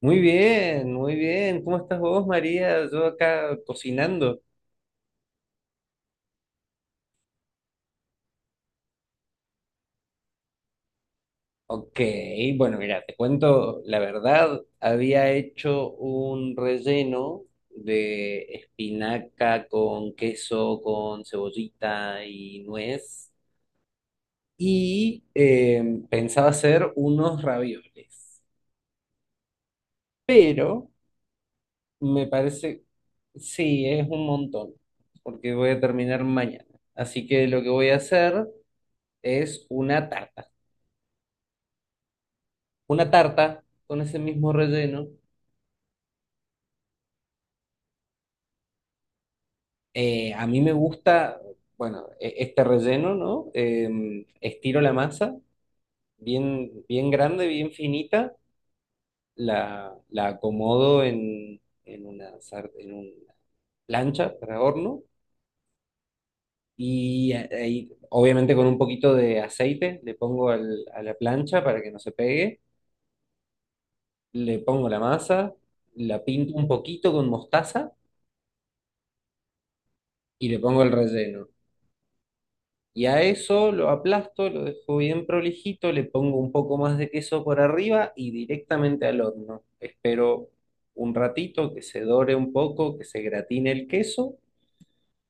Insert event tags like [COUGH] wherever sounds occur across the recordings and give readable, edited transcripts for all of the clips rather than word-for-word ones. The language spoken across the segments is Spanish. Muy bien, muy bien. ¿Cómo estás vos, María? Yo acá cocinando. Ok, bueno, mira, te cuento la verdad. Había hecho un relleno de espinaca con queso, con cebollita y nuez. Y eh, Pensaba hacer unos ravioles. Pero me parece, sí, es un montón, porque voy a terminar mañana. Así que lo que voy a hacer es una tarta. Una tarta con ese mismo relleno. A mí me gusta, bueno, este relleno, ¿no? Estiro la masa, bien, bien grande, bien finita, la acomodo en una, en una plancha para horno y ahí, obviamente con un poquito de aceite le pongo a la plancha para que no se pegue, le pongo la masa, la pinto un poquito con mostaza y le pongo el relleno. Y a eso lo aplasto, lo dejo bien prolijito, le pongo un poco más de queso por arriba y directamente al horno. Espero un ratito que se dore un poco, que se gratine el queso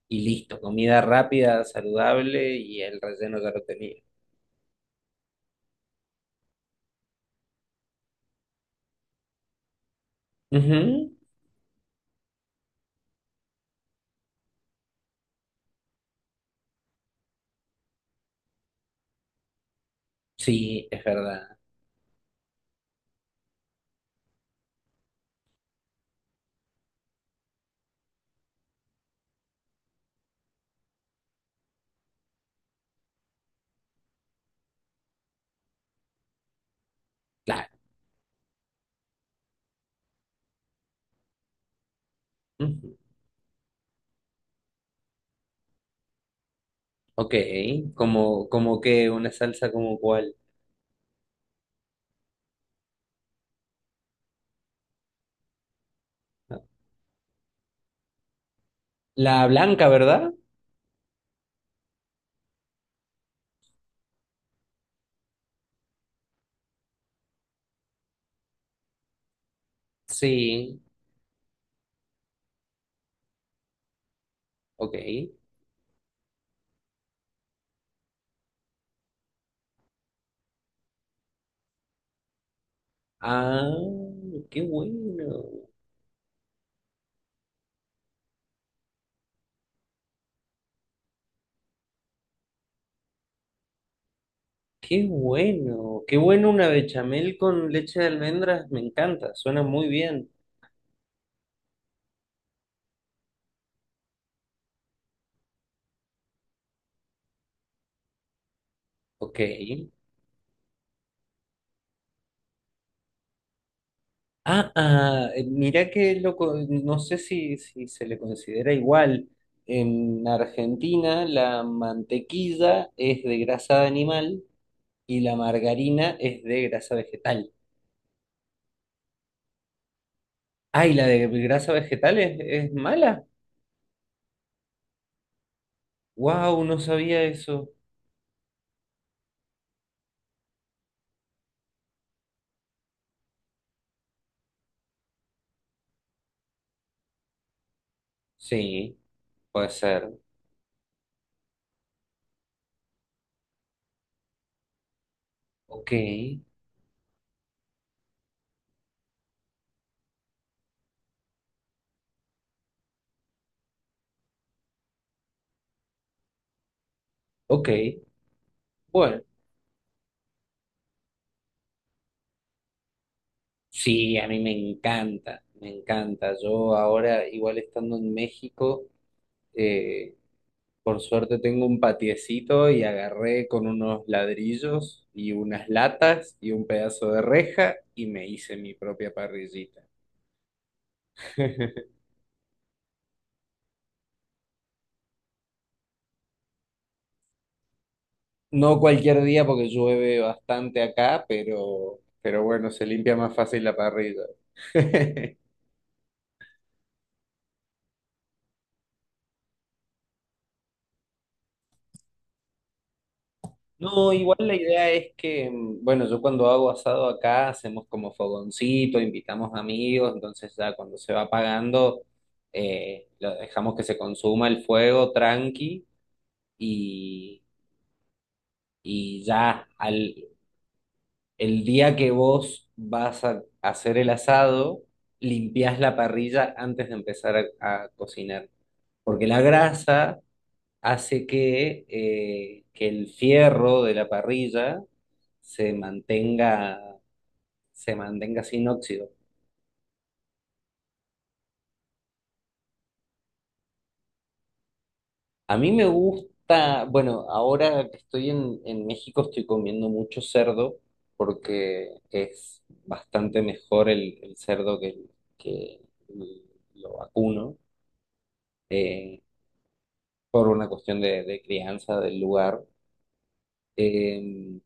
y listo. Comida rápida, saludable y el relleno ya lo tenía. Ujú. Sí, es verdad. Claro. Ujú. Ok, como, como que una salsa como cuál. La blanca, ¿verdad? Sí, ok. Ah, qué bueno. Qué bueno, qué bueno una bechamel con leche de almendras, me encanta, suena muy bien. Ok. Ah, ah, mirá que loco, no sé si, si se le considera igual. En Argentina la mantequilla es de grasa de animal y la margarina es de grasa vegetal. Ah, ¿y la de grasa vegetal es mala? Wow, no sabía eso. Sí, puede ser. Ok, ok. Bueno. Sí, a mí me encanta, me encanta. Yo ahora, igual estando en México, eh, por suerte tengo un patiecito y agarré con unos ladrillos y unas latas y un pedazo de reja y me hice mi propia parrillita. [LAUGHS] No cualquier día porque llueve bastante acá, pero bueno, se limpia más fácil la parrilla. [LAUGHS] No, igual la idea es que, bueno, yo cuando hago asado acá hacemos como fogoncito, invitamos amigos, entonces ya cuando se va apagando, lo dejamos que se consuma el fuego tranqui y, y ya al, el día que vos vas a hacer el asado, limpiás la parrilla antes de empezar a cocinar, porque la grasa hace que el fierro de la parrilla se mantenga, se mantenga sin óxido. A mí me gusta, bueno, ahora que estoy en México estoy comiendo mucho cerdo porque es bastante mejor el cerdo que lo vacuno eh, por una cuestión de crianza del lugar. Eh,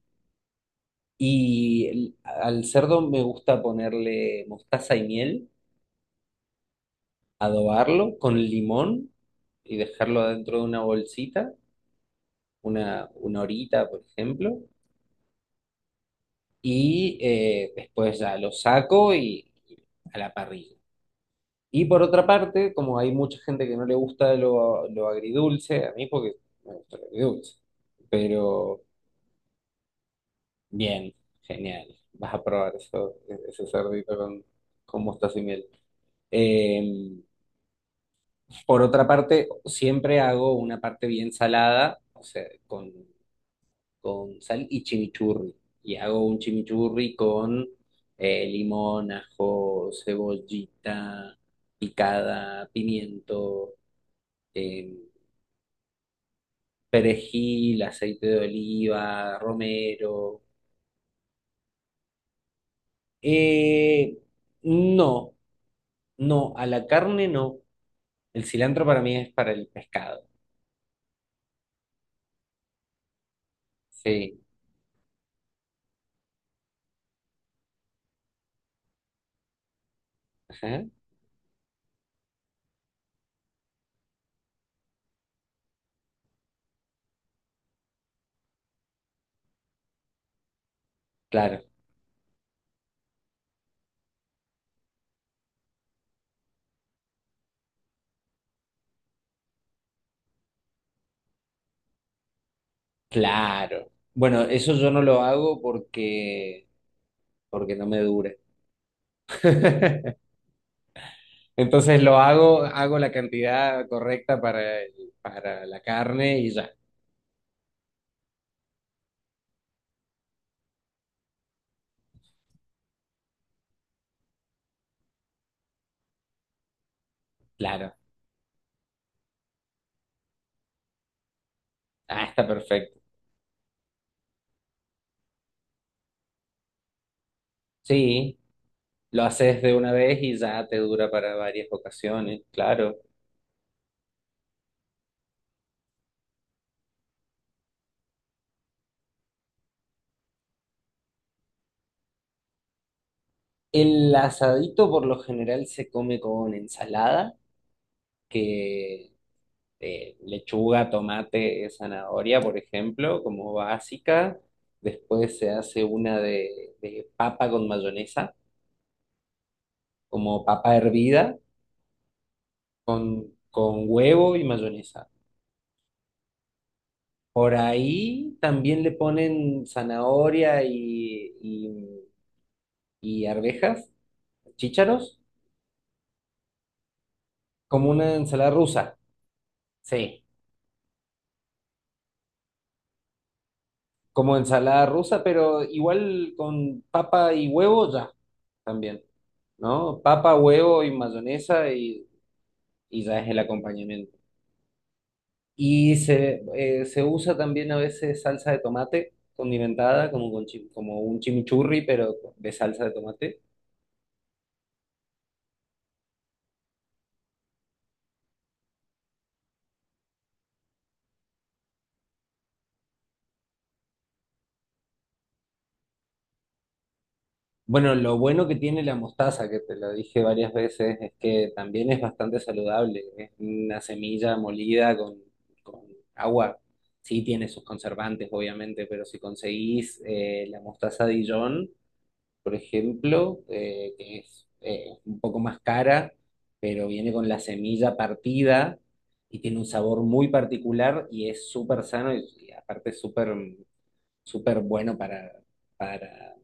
y al cerdo me gusta ponerle mostaza y miel, adobarlo con limón y dejarlo dentro de una bolsita, una horita, por ejemplo, y después ya lo saco y a la parrilla. Y por otra parte, como hay mucha gente que no le gusta lo agridulce, a mí porque me gusta lo agridulce, pero bien, genial, vas a probar eso, ese cerdito con mostaza y miel. Em, por otra parte, siempre hago una parte bien salada, o sea, con sal y chimichurri. Y hago un chimichurri con limón, ajo, cebollita picada, pimiento, eh, perejil, aceite de oliva, romero. Eh, no, no, a la carne no. El cilantro para mí es para el pescado. Sí, ajá, claro, claro. Bueno, eso yo no lo hago porque, porque no me dura. [LAUGHS] Entonces lo hago, hago la cantidad correcta para, para la carne y ya, claro. Ah, está perfecto. Sí, lo haces de una vez y ya te dura para varias ocasiones, claro. El asadito por lo general se come con ensalada, que lechuga, tomate, zanahoria, por ejemplo, como básica. Después se hace una de papa con mayonesa, como papa hervida, con huevo y mayonesa. Por ahí también le ponen zanahoria y arvejas, chícharos, como una ensalada rusa. Sí, como ensalada rusa, pero igual con papa y huevo ya también, ¿no? Papa, huevo y mayonesa y ya es el acompañamiento. Y se, se usa también a veces salsa de tomate condimentada, como, con como un chimichurri, pero de salsa de tomate. Bueno, lo bueno que tiene la mostaza, que te lo dije varias veces, es que también es bastante saludable. Es una semilla molida con agua. Sí tiene sus conservantes, obviamente, pero si conseguís la mostaza Dijon, por ejemplo, que es un poco más cara, pero viene con la semilla partida y tiene un sabor muy particular y es súper sano y aparte súper súper bueno para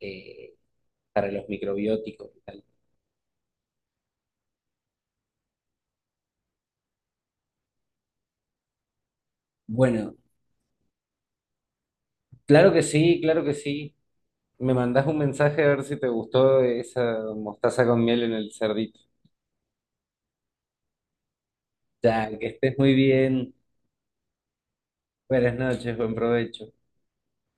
eh, para los microbióticos y tal. Bueno, claro que sí, claro que sí. Me mandás un mensaje a ver si te gustó esa mostaza con miel en el cerdito. Ya, que estés muy bien. Buenas noches, buen provecho.